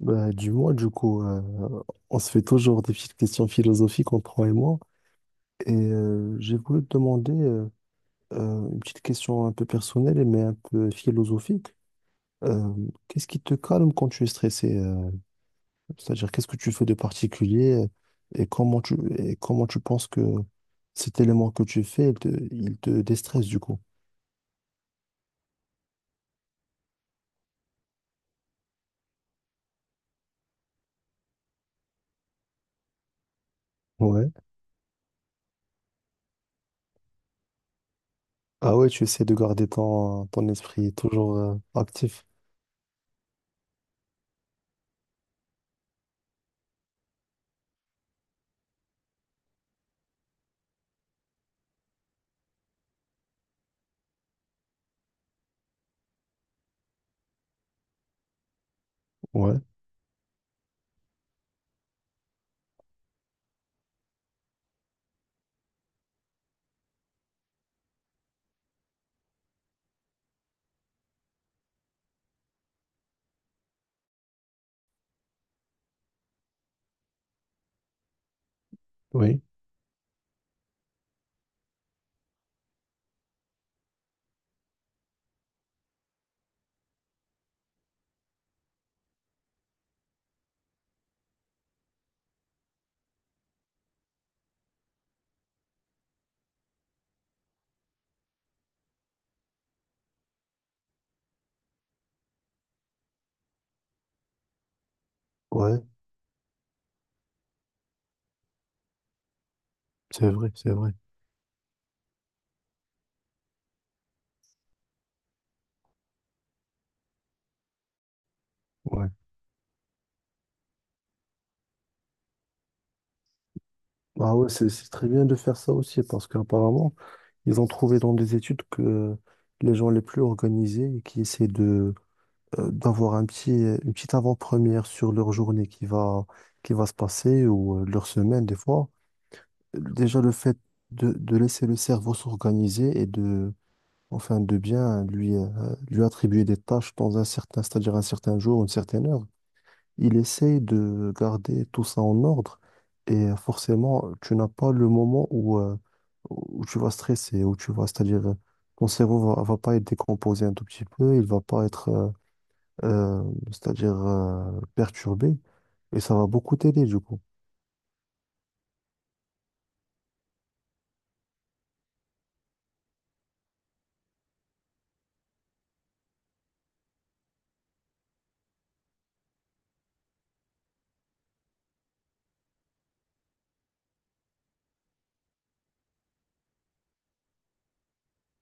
Bah, du moins, du coup, on se fait toujours des petites questions philosophiques entre toi et moi. Et j'ai voulu te demander une petite question un peu personnelle, mais un peu philosophique. Euh, Qu'est-ce qui te calme quand tu es stressé? C'est-à-dire, qu'est-ce que tu fais de particulier, et comment et comment tu penses que cet élément que tu fais, il te déstresse du coup? Ouais. Ah ouais, tu essaies de garder ton esprit toujours actif. Ouais, oui, ouais, c'est vrai, c'est vrai. Ouais. Ah ouais, c'est très bien de faire ça aussi, parce qu'apparemment, ils ont trouvé dans des études que les gens les plus organisés et qui essaient de d'avoir une petite avant-première sur leur journée qui va se passer ou leur semaine des fois, déjà le fait de laisser le cerveau s'organiser enfin, de bien lui attribuer des tâches dans un certain, c'est-à-dire un certain jour, une certaine heure. Il essaye de garder tout ça en ordre, forcément, tu n'as pas le moment où tu vas stresser, c'est-à-dire, ton cerveau va pas être décomposé un tout petit peu, il va pas être, euh, c'est-à-dire, perturbé, et ça va beaucoup t'aider du coup.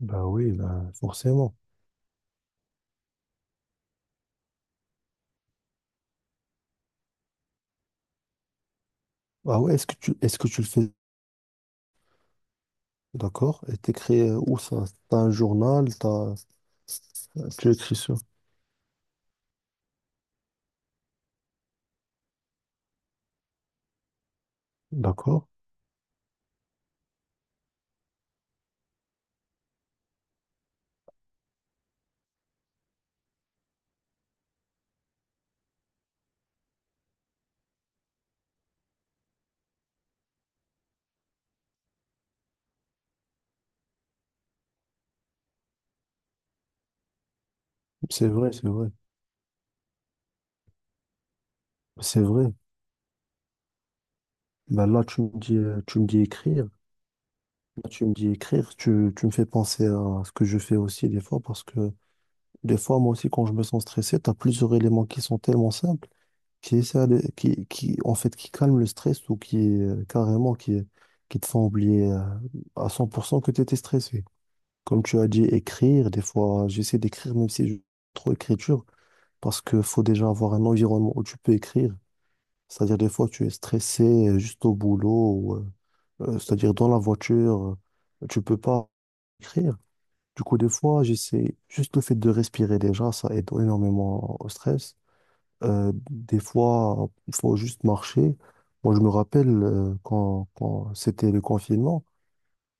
Bah oui, ben forcément. Ah ouais, est-ce que tu le fais, d'accord? Et t'écris où ça? T'as un journal, t'as, tu écris sur. D'accord, c'est vrai, c'est vrai. C'est vrai. Ben là, tu me dis écrire. Là, tu me dis écrire. Tu me fais penser à ce que je fais aussi des fois parce que des fois, moi aussi, quand je me sens stressé, tu as plusieurs éléments qui sont tellement simples, qui essaient de- qui, en fait, qui calment le stress ou qui, carrément, qui te font oublier, à 100% que tu étais stressé. Comme tu as dit, écrire, des fois, j'essaie d'écrire même si je trop écriture parce que faut déjà avoir un environnement où tu peux écrire. C'est-à-dire, des fois, tu es stressé juste au boulot. C'est-à-dire dans la voiture, tu peux pas écrire. Du coup, des fois, j'essaie juste le fait de respirer déjà, ça aide énormément au stress. Des fois, il faut juste marcher. Moi, je me rappelle quand c'était le confinement,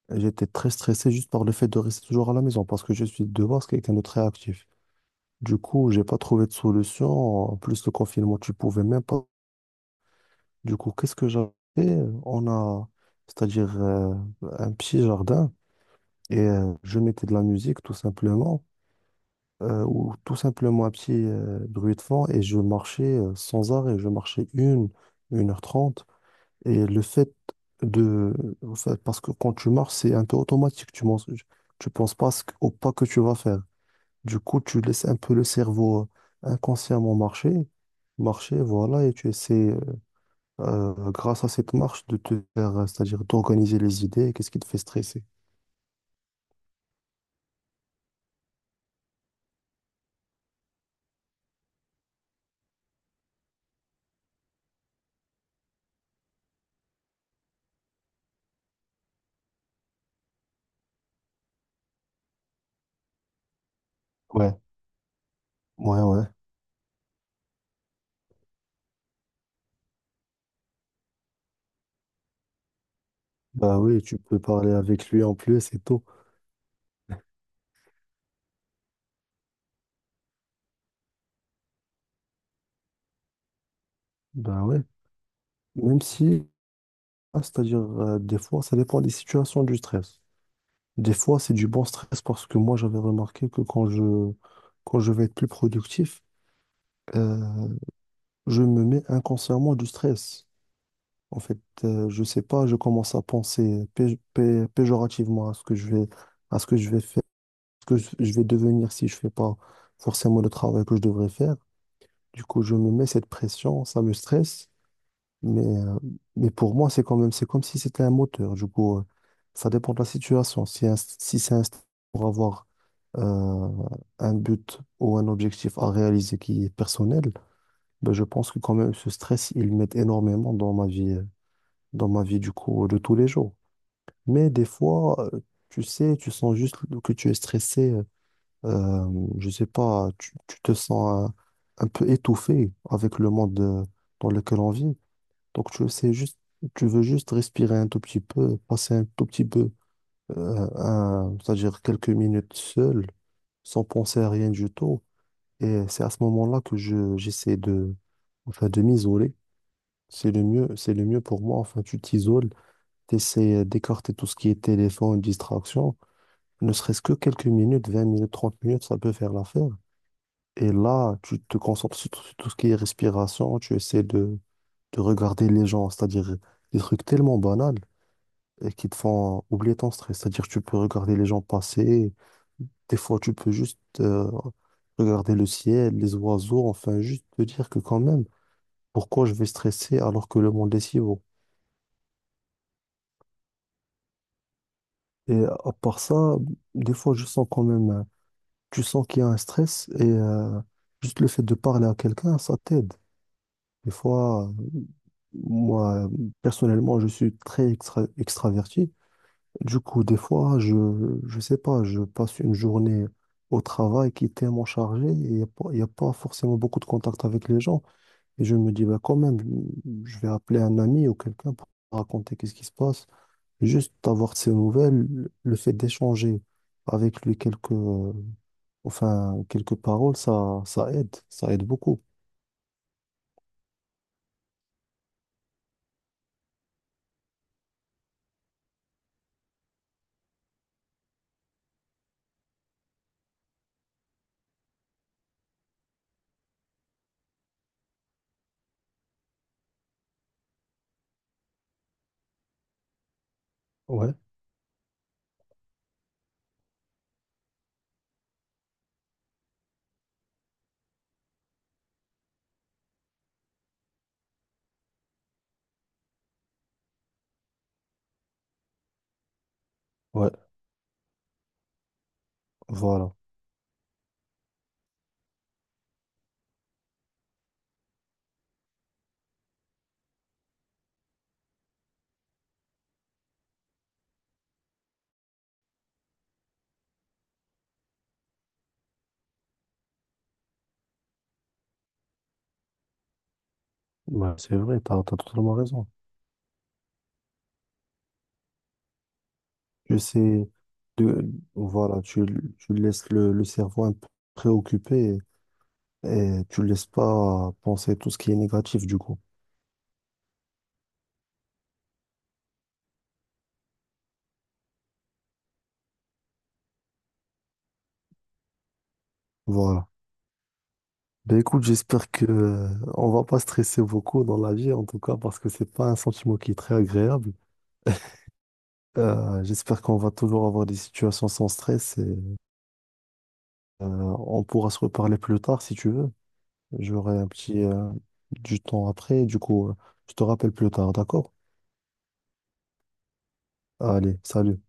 j'étais très stressé juste par le fait de rester toujours à la maison parce que je suis de base quelqu'un de très actif. Du coup, j'ai pas trouvé de solution. En plus, le confinement, tu pouvais même pas. Du coup, qu'est-ce que j'avais? On a, c'est-à-dire un petit jardin. Et je mettais de la musique tout simplement, ou tout simplement un petit bruit de fond, et je marchais sans arrêt, 1h30. Et le fait de... en fait, parce que quand tu marches, c'est un peu automatique, tu penses pas à au pas que tu vas faire. Du coup, tu laisses un peu le cerveau inconsciemment marcher, voilà, et tu essaies, grâce à cette marche de te faire, c'est-à-dire d'organiser les idées, qu'est-ce qui te fait stresser? Ouais. Ouais, ouais. Bah oui, tu peux parler avec lui en plus et tout. Bah ouais. Même si, ah, c'est-à-dire, des fois, ça dépend des situations du stress. Des fois, c'est du bon stress parce que moi, j'avais remarqué que quand je vais être plus productif, euh, je me mets inconsciemment du stress. En fait, je sais pas, je commence à penser péjorativement à ce que je vais, à ce que je vais faire, ce que je vais devenir si je fais pas forcément le travail que je devrais faire. Du coup, je me mets cette pression, ça me stresse, mais, euh, mais pour moi, c'est quand même, c'est comme si c'était un moteur. Du coup, ça dépend de la situation. Si c'est un stress pour avoir euh, un but ou un objectif à réaliser qui est personnel, ben, je pense que quand même, ce stress, il m'aide énormément dans ma vie du coup, de tous les jours. Mais des fois, tu sais, tu sens juste que tu es stressé. Euh, je sais pas, tu te sens un peu étouffé avec le monde dans lequel on vit. Donc, tu sais juste, tu veux juste respirer un tout petit peu, passer un tout petit peu, c'est-à-dire quelques minutes seul, sans penser à rien du tout. Et c'est à ce moment-là que j'essaie enfin, de m'isoler. C'est le mieux, c'est le mieux pour moi. Enfin, tu t'isoles, tu essaies d'écarter tout ce qui est téléphone, distraction. Ne serait-ce que quelques minutes, 20 minutes, 30 minutes, ça peut faire l'affaire. Et là, tu te concentres sur tout ce qui est respiration. Tu essaies de regarder les gens, c'est-à-dire des trucs tellement banals et qui te font oublier ton stress. C'est-à-dire tu peux regarder les gens passer. Des fois, tu peux juste regarder le ciel, les oiseaux. Enfin, juste te dire que quand même, pourquoi je vais stresser alors que le monde est si beau? Et à part ça, des fois, je sens quand même, tu sens qu'il y a un stress et, juste le fait de parler à quelqu'un, ça t'aide. Des fois, moi, euh, personnellement, je suis très extraverti. Du coup, des fois, je sais pas, je passe une journée au travail qui est tellement chargée et il n'y a, pas y a pas forcément beaucoup de contact avec les gens. Et je me dis, bah, quand même, je vais appeler un ami ou quelqu'un pour raconter qu'est-ce qui se passe. Juste avoir de ses nouvelles, le fait d'échanger avec lui enfin, quelques paroles, ça aide beaucoup. Ouais, ouais, voilà. Ouais, c'est vrai, t'as totalement raison. Tu sais, de, voilà, tu laisses le cerveau un peu préoccupé et, tu le laisses pas penser tout ce qui est négatif du coup. Voilà. Ben écoute, j'espère que on va pas stresser beaucoup dans la vie, en tout cas, parce que c'est pas un sentiment qui est très agréable. J'espère qu'on va toujours avoir des situations sans stress et, on pourra se reparler plus tard si tu veux. J'aurai un petit du temps après, du coup, je te rappelle plus tard, d'accord? Allez, salut.